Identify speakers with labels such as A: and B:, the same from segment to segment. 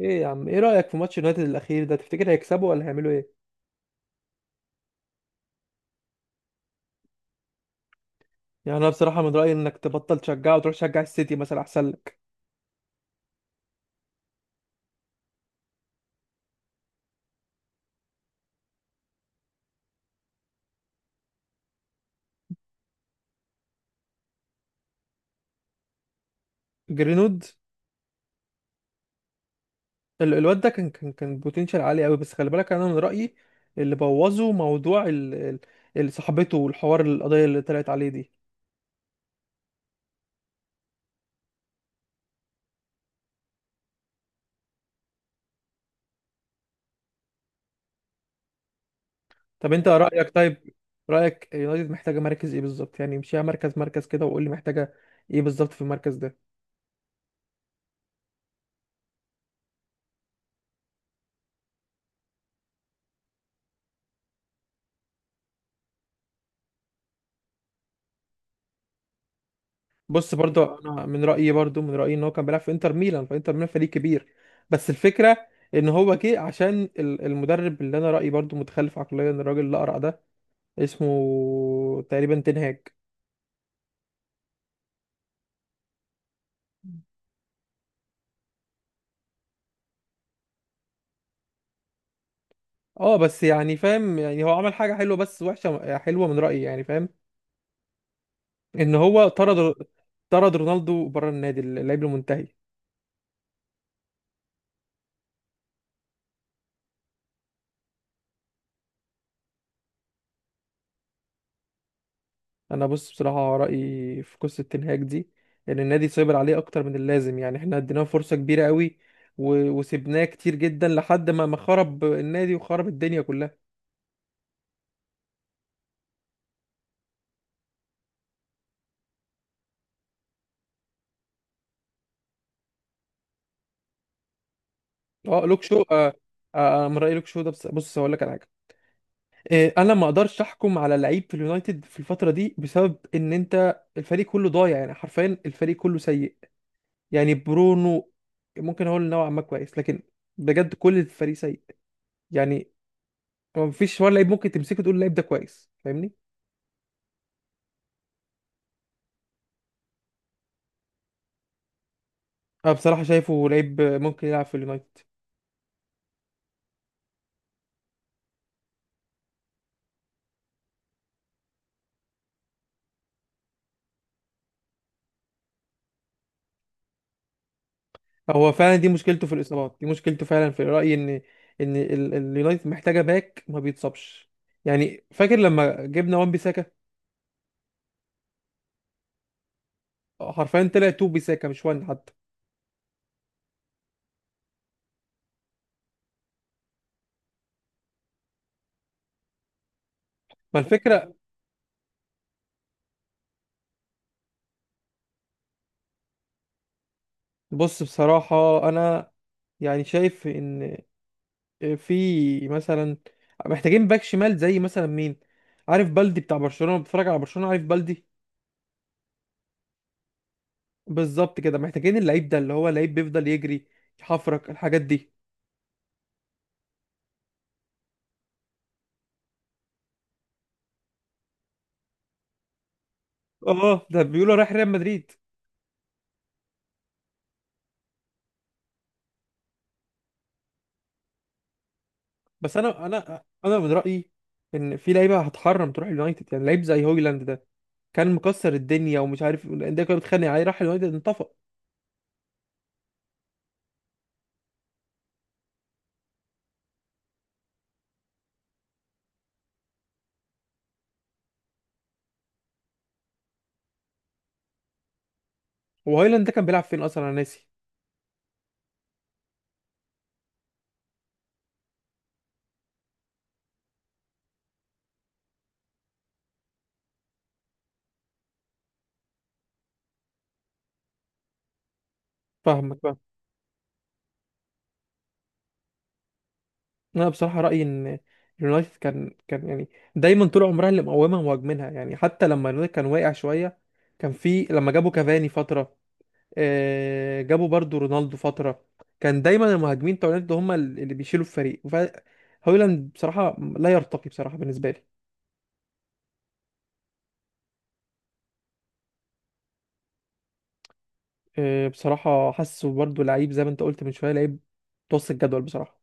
A: ايه يا عم، ايه رأيك في ماتش يونايتد الأخير ده؟ تفتكر هيكسبوا ولا هيعملوا ايه؟ يعني انا بصراحة من رأيي انك تبطل تشجعه وتروح تشجع السيتي مثلا، احسن لك. جرينوود. الواد ده كان بوتنشال عالي قوي، بس خلي بالك انا من رأيي اللي بوظه موضوع صاحبته والحوار، القضية اللي طلعت عليه دي. طب انت رأيك، طيب رأيك يونايتد محتاجة مركز ايه بالظبط؟ يعني امشيها مركز مركز كده وقول لي محتاجة ايه بالظبط في المركز ده. بص، برضو انا من رايي، ان هو كان بيلعب في انتر ميلان، فانتر ميلان فريق كبير. بس الفكره ان هو جه عشان المدرب، اللي انا رايي برضو متخلف عقليا، الراجل اللي اقرع ده اسمه تقريبا تنهاج. اه، بس يعني فاهم، يعني هو عمل حاجه حلوه بس وحشه، حلوه من رايي، يعني فاهم ان هو طرد، رونالدو بره النادي، اللاعب المنتهي. انا، بص، بصراحه رايي في قصه تنهاج دي، ان النادي سيطر عليه اكتر من اللازم، يعني احنا اديناه فرصه كبيره قوي وسبناه كتير جدا لحد ما خرب النادي وخرب الدنيا كلها. اه، لوك شو، آه. آه، انا من رايي لوك شو ده، بس بص هقول لك على حاجه. آه، انا ما اقدرش احكم على لعيب في اليونايتد في الفتره دي، بسبب ان انت الفريق كله ضايع، يعني حرفيا الفريق كله سيء. يعني برونو ممكن اقول نوعا ما كويس، لكن بجد كل الفريق سيء، يعني ما فيش ولا لعيب ممكن تمسكه تقول اللعيب ده كويس، فاهمني. أنا بصراحة شايفه لعيب ممكن يلعب في اليونايتد. هو فعلا دي مشكلته في الإصابات، دي مشكلته فعلا، في رأيي إن اليونايتد محتاجة باك ما بيتصابش، يعني فاكر لما جبنا وان بيساكا، حرفيا طلع تو بيساكا مش وان حتى. ما الفكرة، بص بصراحة أنا يعني شايف إن في مثلا، محتاجين باك شمال زي مثلا مين؟ عارف بلدي بتاع برشلونة، بتفرج على برشلونة، عارف بلدي؟ بالظبط كده، محتاجين اللعيب ده اللي هو لعيب بيفضل يجري، يحفرك الحاجات دي. اه، ده بيقولوا رايح ريال مدريد. بس انا من رايي ان في لعيبه هتحرم تروح اليونايتد، يعني لعيب زي هويلاند ده، كان مكسر الدنيا ومش عارف، الانديه كانت بتتخانق عليه، راح اليونايتد انطفى. هو هويلاند ده كان بيلعب فين اصلا؟ انا ناسي. فاهمك، فاهم. انا بصراحه رايي ان اليونايتد كان يعني دايما طول عمرها اللي مقومها مهاجمينها، يعني حتى لما اليونايتد كان واقع شويه، كان في لما جابوا كافاني فتره، جابوا برضو رونالدو فترة، كان دايما المهاجمين بتوع اليونايتد هم اللي بيشيلوا الفريق، هويلاند بصراحة لا يرتقي بصراحة بالنسبة لي. بصراحة حاسه برضو لعيب زي ما انت قلت من شوية، لعيب متوسط الجدول بصراحة.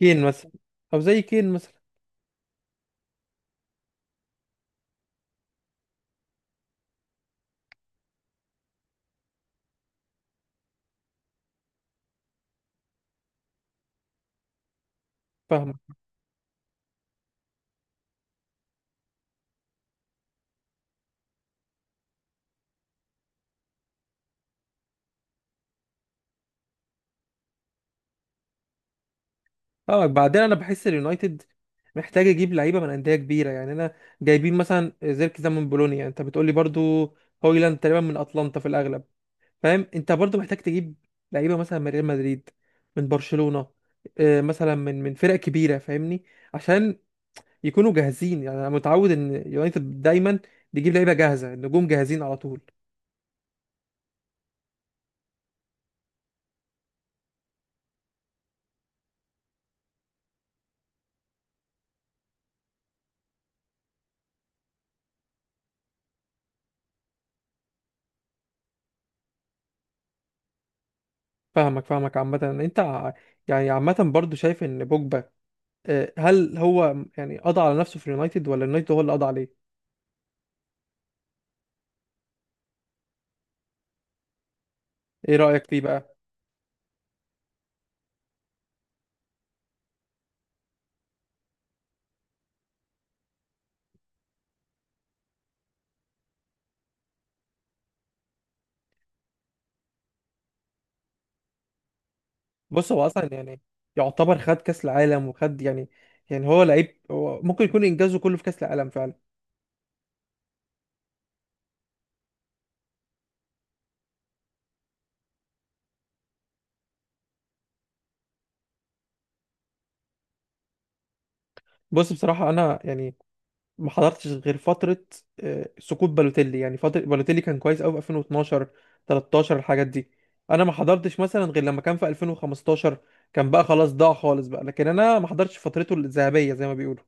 A: كين مثلا، او زي كين مثلا. فاهمك، اه، بعدين انا بحس اليونايتد محتاج يجيب لعيبة من أندية كبيرة، يعني انا، جايبين مثلا زيركزي ده من بولونيا، انت بتقولي برضو، هويلاند تقريبا من اتلانتا في الاغلب، فاهم، انت برضو محتاج تجيب لعيبه مثلا من ريال مدريد، من برشلونه، مثلا من فرق كبيره، فاهمني، عشان يكونوا جاهزين، يعني انا متعود ان يونايتد دايما بيجيب لعيبه جاهزه، النجوم جاهزين على طول. فاهمك، فاهمك، عامه، انت ع- يعني عامه برضو شايف ان بوجبا، هل هو يعني قضى على نفسه في اليونايتد، ولا اليونايتد هو اللي قضى عليه؟ ايه رايك فيه بقى؟ بص هو اصلا يعني يعتبر خد كاس العالم وخد، يعني هو لعيب، هو ممكن يكون انجازه كله في كاس العالم فعلا. بص بصراحه انا يعني ما حضرتش غير فترة، سقوط بالوتيلي، يعني فترة بالوتيلي كان كويس قوي في 2012، 13، الحاجات دي، انا ما حضرتش مثلا غير لما كان في 2015، كان بقى خلاص ضاع خالص بقى، لكن انا ما حضرتش فترته الذهبية زي ما بيقولوا.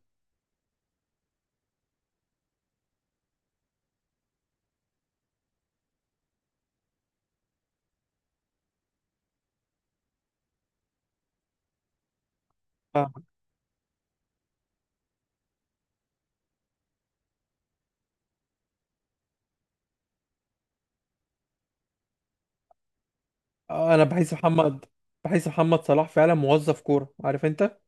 A: فاهمك، انا بحس محمد صلاح فعلا موظف كوره، عارف انت.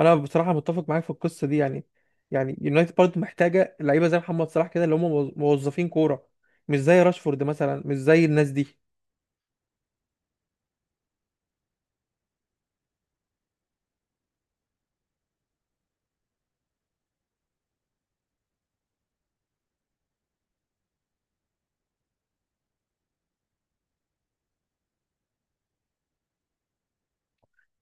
A: انا بصراحه متفق معاك في القصه دي، يعني يونايتد برضه محتاجه لعيبه زي محمد صلاح كده، اللي هم موظفين كوره، مش زي راشفورد مثلا، مش زي الناس دي.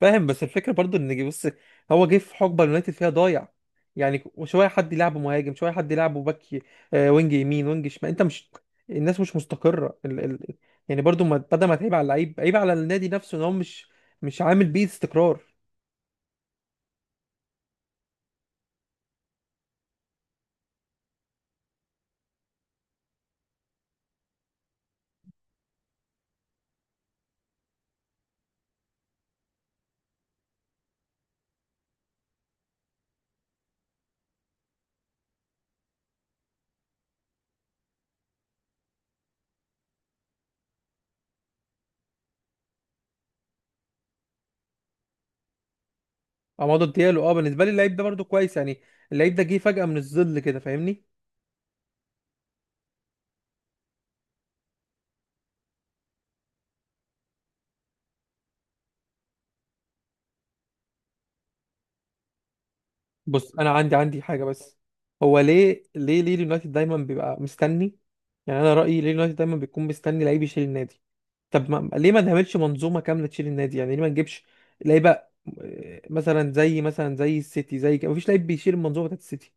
A: فاهم، بس الفكره برضو، بص، هو جه في حقبه اليونايتد فيها ضايع، يعني شويه حد يلعبه مهاجم، شويه حد يلعبه باك، وينج يمين، وينج شمال، انت مش، الناس مش مستقره، يعني برضو ما... بدل ما تعيب على اللعيب، عيب على النادي نفسه، ان هو مش عامل بيه استقرار. عمادو ديالو، اه، بالنسبه لي اللعيب ده برضو كويس، يعني اللعيب ده جه فجاه من الظل كده، فاهمني. بص انا عندي حاجه بس، هو ليه اليونايتد دايما بيبقى مستني؟ يعني انا رايي، ليه اليونايتد دايما بيكون مستني لعيب يشيل النادي؟ طب ما ليه ما نعملش منظومه كامله تشيل النادي؟ يعني ليه ما نجيبش لعيبه، مثلا زي السيتي، زي كده مفيش لعيب بيشيل المنظومه بتاعت السيتي.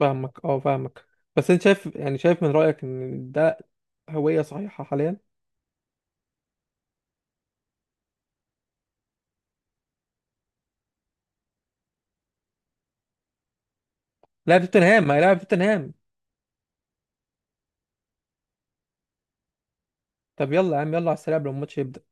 A: فاهمك، اه، فاهمك، بس انت شايف، يعني شايف من رايك ان ده هويه صحيحه حاليا؟ لاعب توتنهام هيلاعب توتنهام. طب يلا يا عم، يلا على السريع قبل ما الماتش يبدأ.